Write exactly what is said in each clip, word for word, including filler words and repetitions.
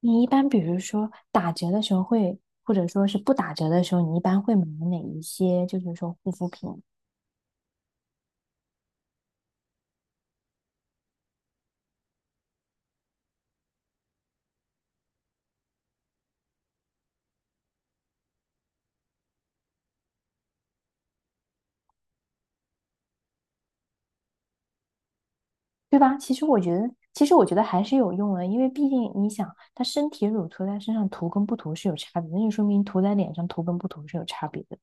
你一般比如说打折的时候会，或者说是不打折的时候，你一般会买哪一些？就是说护肤品，对吧？其实我觉得，其实我觉得还是有用的，因为毕竟你想，它身体乳涂在身上涂跟不涂是有差别的，那就说明涂在脸上涂跟不涂是有差别的。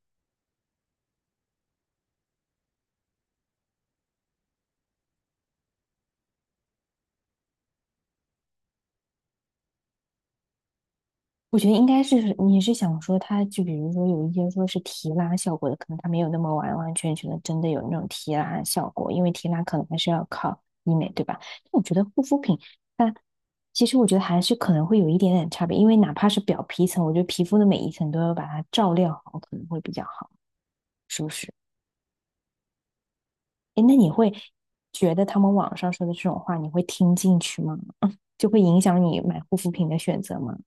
我觉得应该是你是想说它，就比如说有一些说是提拉效果的，可能它没有那么完完全全的真的有那种提拉效果，因为提拉可能还是要靠医美，对吧？但我觉得护肤品它其实我觉得还是可能会有一点点差别，因为哪怕是表皮层，我觉得皮肤的每一层都要把它照料好，可能会比较好，是不是？诶，那你会觉得他们网上说的这种话，你会听进去吗？就会影响你买护肤品的选择吗？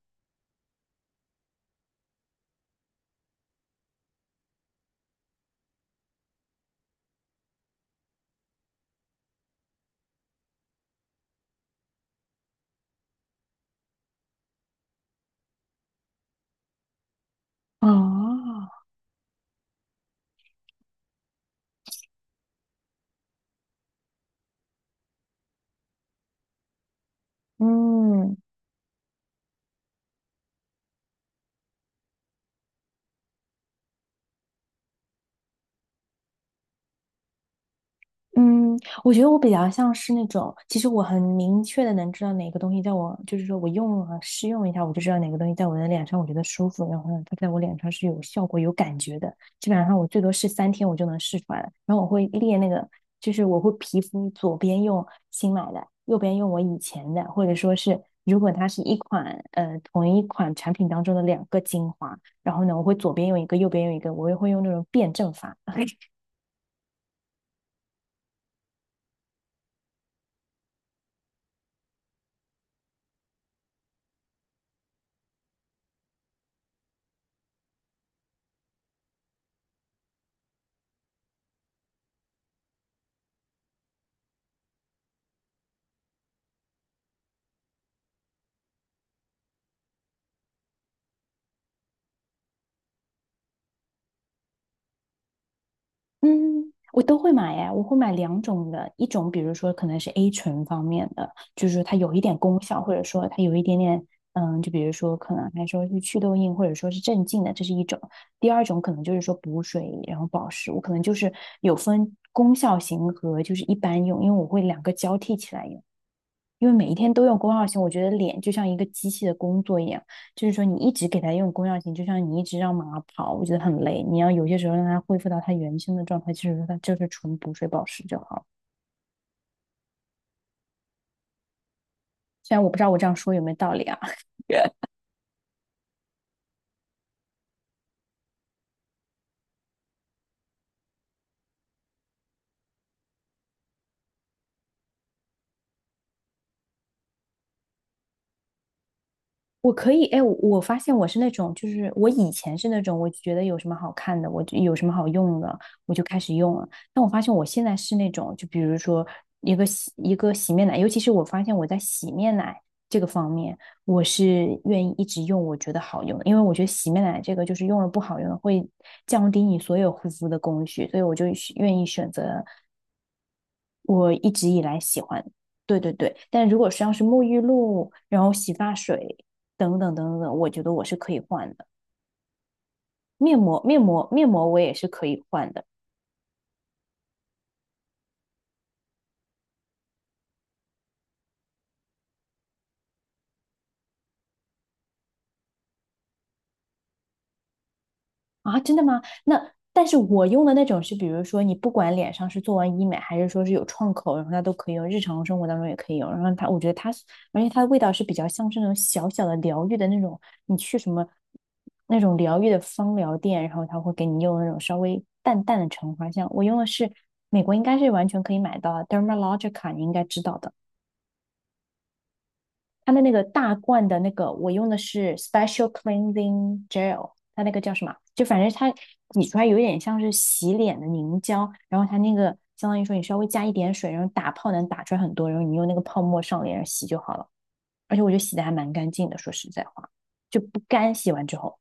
啊，嗯。嗯，我觉得我比较像是那种，其实我很明确的能知道哪个东西在我，就是说我用了试用一下，我就知道哪个东西在我的脸上我觉得舒服，然后呢，它在我脸上是有效果、有感觉的。基本上我最多试三天，我就能试出来了。然后我会列那个，就是我会皮肤左边用新买的，右边用我以前的，或者说是如果它是一款呃同一款产品当中的两个精华，然后呢，我会左边用一个，右边用一个，我也会用那种辩证法。嗯，我都会买呀，我会买两种的，一种比如说可能是 A 醇方面的，就是它有一点功效，或者说它有一点点，嗯，就比如说可能还说是祛痘印，或者说是镇静的，这是一种。第二种可能就是说补水，然后保湿，我可能就是有分功效型和就是一般用，因为我会两个交替起来用。因为每一天都用功效型，我觉得脸就像一个机器的工作一样，就是说你一直给它用功效型，就像你一直让马跑，我觉得很累。你要有些时候让它恢复到它原先的状态，就是说它就是纯补水保湿就好，虽然我不知道我这样说有没有道理啊。我可以，哎，我我发现我是那种，就是我以前是那种，我觉得有什么好看的，我就有什么好用的，我就开始用了。但我发现我现在是那种，就比如说一个洗一个洗面奶，尤其是我发现我在洗面奶这个方面，我是愿意一直用我觉得好用的，因为我觉得洗面奶这个就是用了不好用的会降低你所有护肤的工序，所以我就选愿意选择。我一直以来喜欢，对对对。但如果像是沐浴露，然后洗发水等等等等，我觉得我是可以换的。面膜、面膜、面膜我也是可以换的。啊，真的吗？那但是我用的那种是，比如说你不管脸上是做完医美，还是说是有创口，然后它都可以用，日常生活当中也可以用。然后它，我觉得它是，而且它的味道是比较像是那种小小的疗愈的那种，你去什么那种疗愈的芳疗店，然后它会给你用那种稍微淡淡的橙花香。我用的是美国应该是完全可以买到的 Dermalogica，你应该知道的。它的那个大罐的那个，我用的是 Special Cleansing Gel，它那个叫什么？就反正它挤出来有点像是洗脸的凝胶，然后它那个相当于说你稍微加一点水，然后打泡能打出来很多，然后你用那个泡沫上脸上洗就好了。而且我觉得洗的还蛮干净的，说实在话，就不干洗完之后。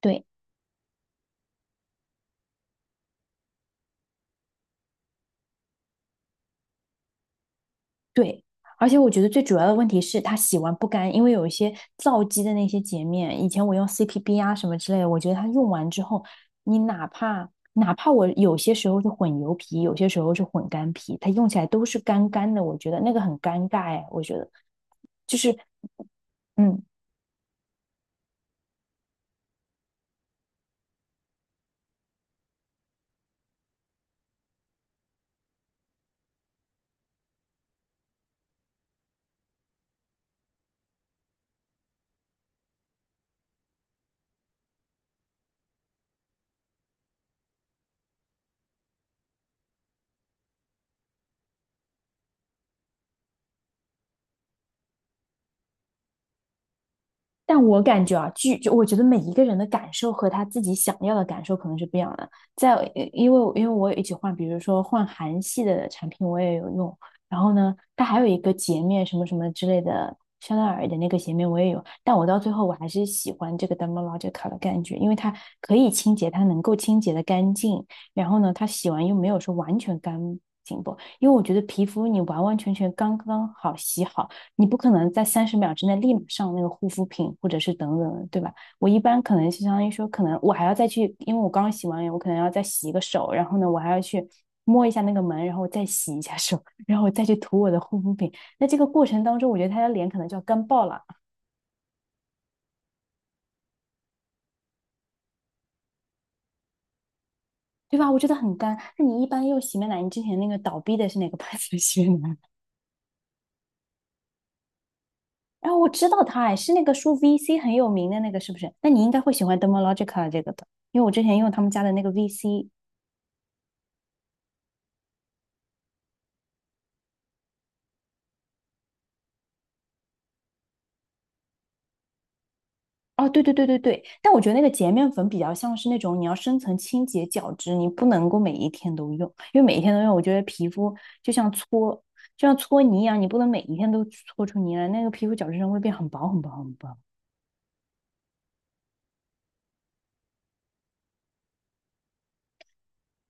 对，对，而且我觉得最主要的问题是它洗完不干，因为有一些皂基的那些洁面，以前我用 C P B 啊什么之类的，我觉得它用完之后，你哪怕哪怕我有些时候是混油皮，有些时候是混干皮，它用起来都是干干的，我觉得那个很尴尬哎，我觉得就是，嗯，但我感觉啊，据就我觉得每一个人的感受和他自己想要的感受可能是不一样的。在呃因为因为我有一起换，比如说换韩系的产品，我也有用。然后呢，它还有一个洁面什么什么之类的，香奈儿的那个洁面我也有。但我到最后我还是喜欢这个 Dermalogica 的感觉，因为它可以清洁，它能够清洁的干净。然后呢，它洗完又没有说完全干净不，因为我觉得皮肤你完完全全刚刚好洗好。你不可能在三十秒之内立马上那个护肤品或者是等等对吧？我一般可能就相当于说，可能我还要再去，因为我刚刚洗完脸，我可能要再洗一个手，然后呢，我还要去摸一下那个门，然后再洗一下手，然后我再去涂我的护肤品。那这个过程当中，我觉得他的脸可能就要干爆了，对吧？我觉得很干。那你一般用洗面奶，你之前那个倒闭的是哪个牌子的洗面奶？哎，我知道它，哎，是那个说 V C 很有名的那个，是不是？那你应该会喜欢 Dermalogica 这个的，因为我之前用他们家的那个 V C 哦，对对对对对，但我觉得那个洁面粉比较像是那种你要深层清洁角质，你不能够每一天都用，因为每一天都用，我觉得皮肤就像搓就像搓泥一样，你不能每一天都搓出泥来，那个皮肤角质层会变很薄很薄很薄。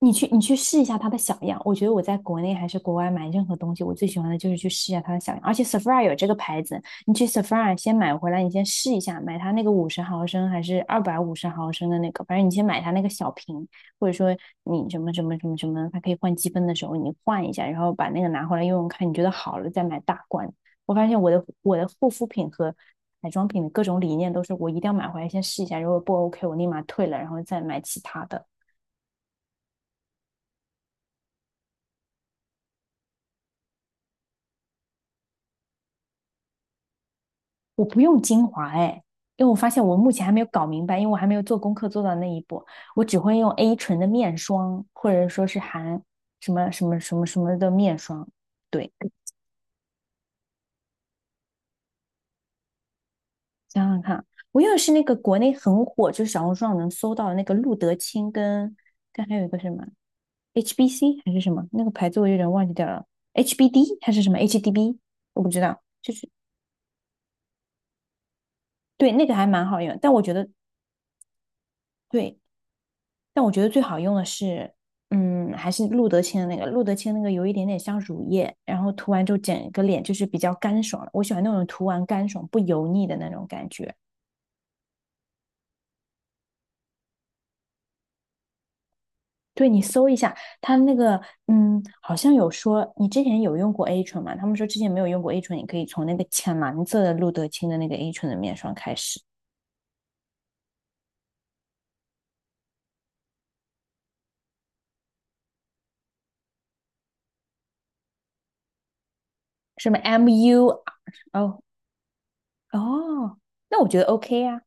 你去你去试一下它的小样，我觉得我在国内还是国外买任何东西，我最喜欢的就是去试一下它的小样。而且 Sephora 有这个牌子，你去 Sephora 先买回来，你先试一下，买它那个五十毫升还是二百五十毫升的那个，反正你先买它那个小瓶，或者说你什么什么什么什么，它可以换积分的时候你换一下，然后把那个拿回来用用看，你觉得好了再买大罐。我发现我的我的护肤品和彩妆品的各种理念都是，我一定要买回来先试一下，如果不 OK 我立马退了，然后再买其他的。我不用精华哎，因为我发现我目前还没有搞明白，因为我还没有做功课做到那一步，我只会用 A 醇的面霜，或者说是含什么什么什么什么的面霜。对，想想看，我用的是那个国内很火，就是小红书上能搜到的那个露得清跟跟还有一个什么 H B C 还是什么那个牌子，我有点忘记掉了，H B D 还是什么 H D B，我不知道。对，那个还蛮好用，但我觉得对但我觉得最好用的是，嗯，还是露得清的那个，露得清那个有一点点像乳液，然后涂完之后整个脸就是比较干爽我喜欢那种涂完干爽不油腻的那种感觉。对，你搜一下，它那个，嗯，好像有说你之前有用过 A 醇嘛？他们说之前没有用过 A 醇，你可以从那个浅蓝色的露得清的那个 A 醇的面霜开始，什么 M U，哦哦，那我觉得 OK 呀。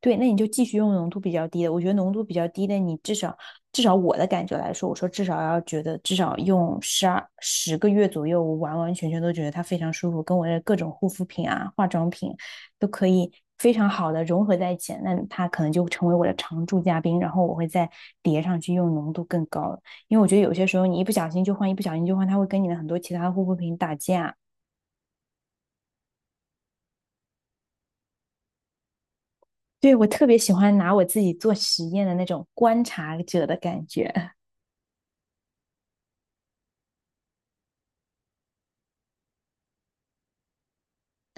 对，那你就继续用浓度比较低的。我觉得浓度比较低的，你至少至少我的感觉来说，我说至少要觉得至少用十二十个月左右，我完完全全都觉得它非常舒服，跟我的各种护肤品啊、化妆品都可以非常好的融合在一起。那它可能就成为我的常驻嘉宾，然后我会再叠上去用浓度更高的，因为我觉得有些时候你一不小心就换，一不小心就换，它会跟你的很多其他护肤品打架。对，我特别喜欢拿我自己做实验的那种观察者的感觉。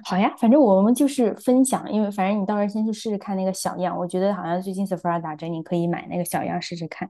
好呀，反正我们就是分享，因为反正你到时候先去试试看那个小样，我觉得好像最近 Sephora 打折，你可以买那个小样试试看。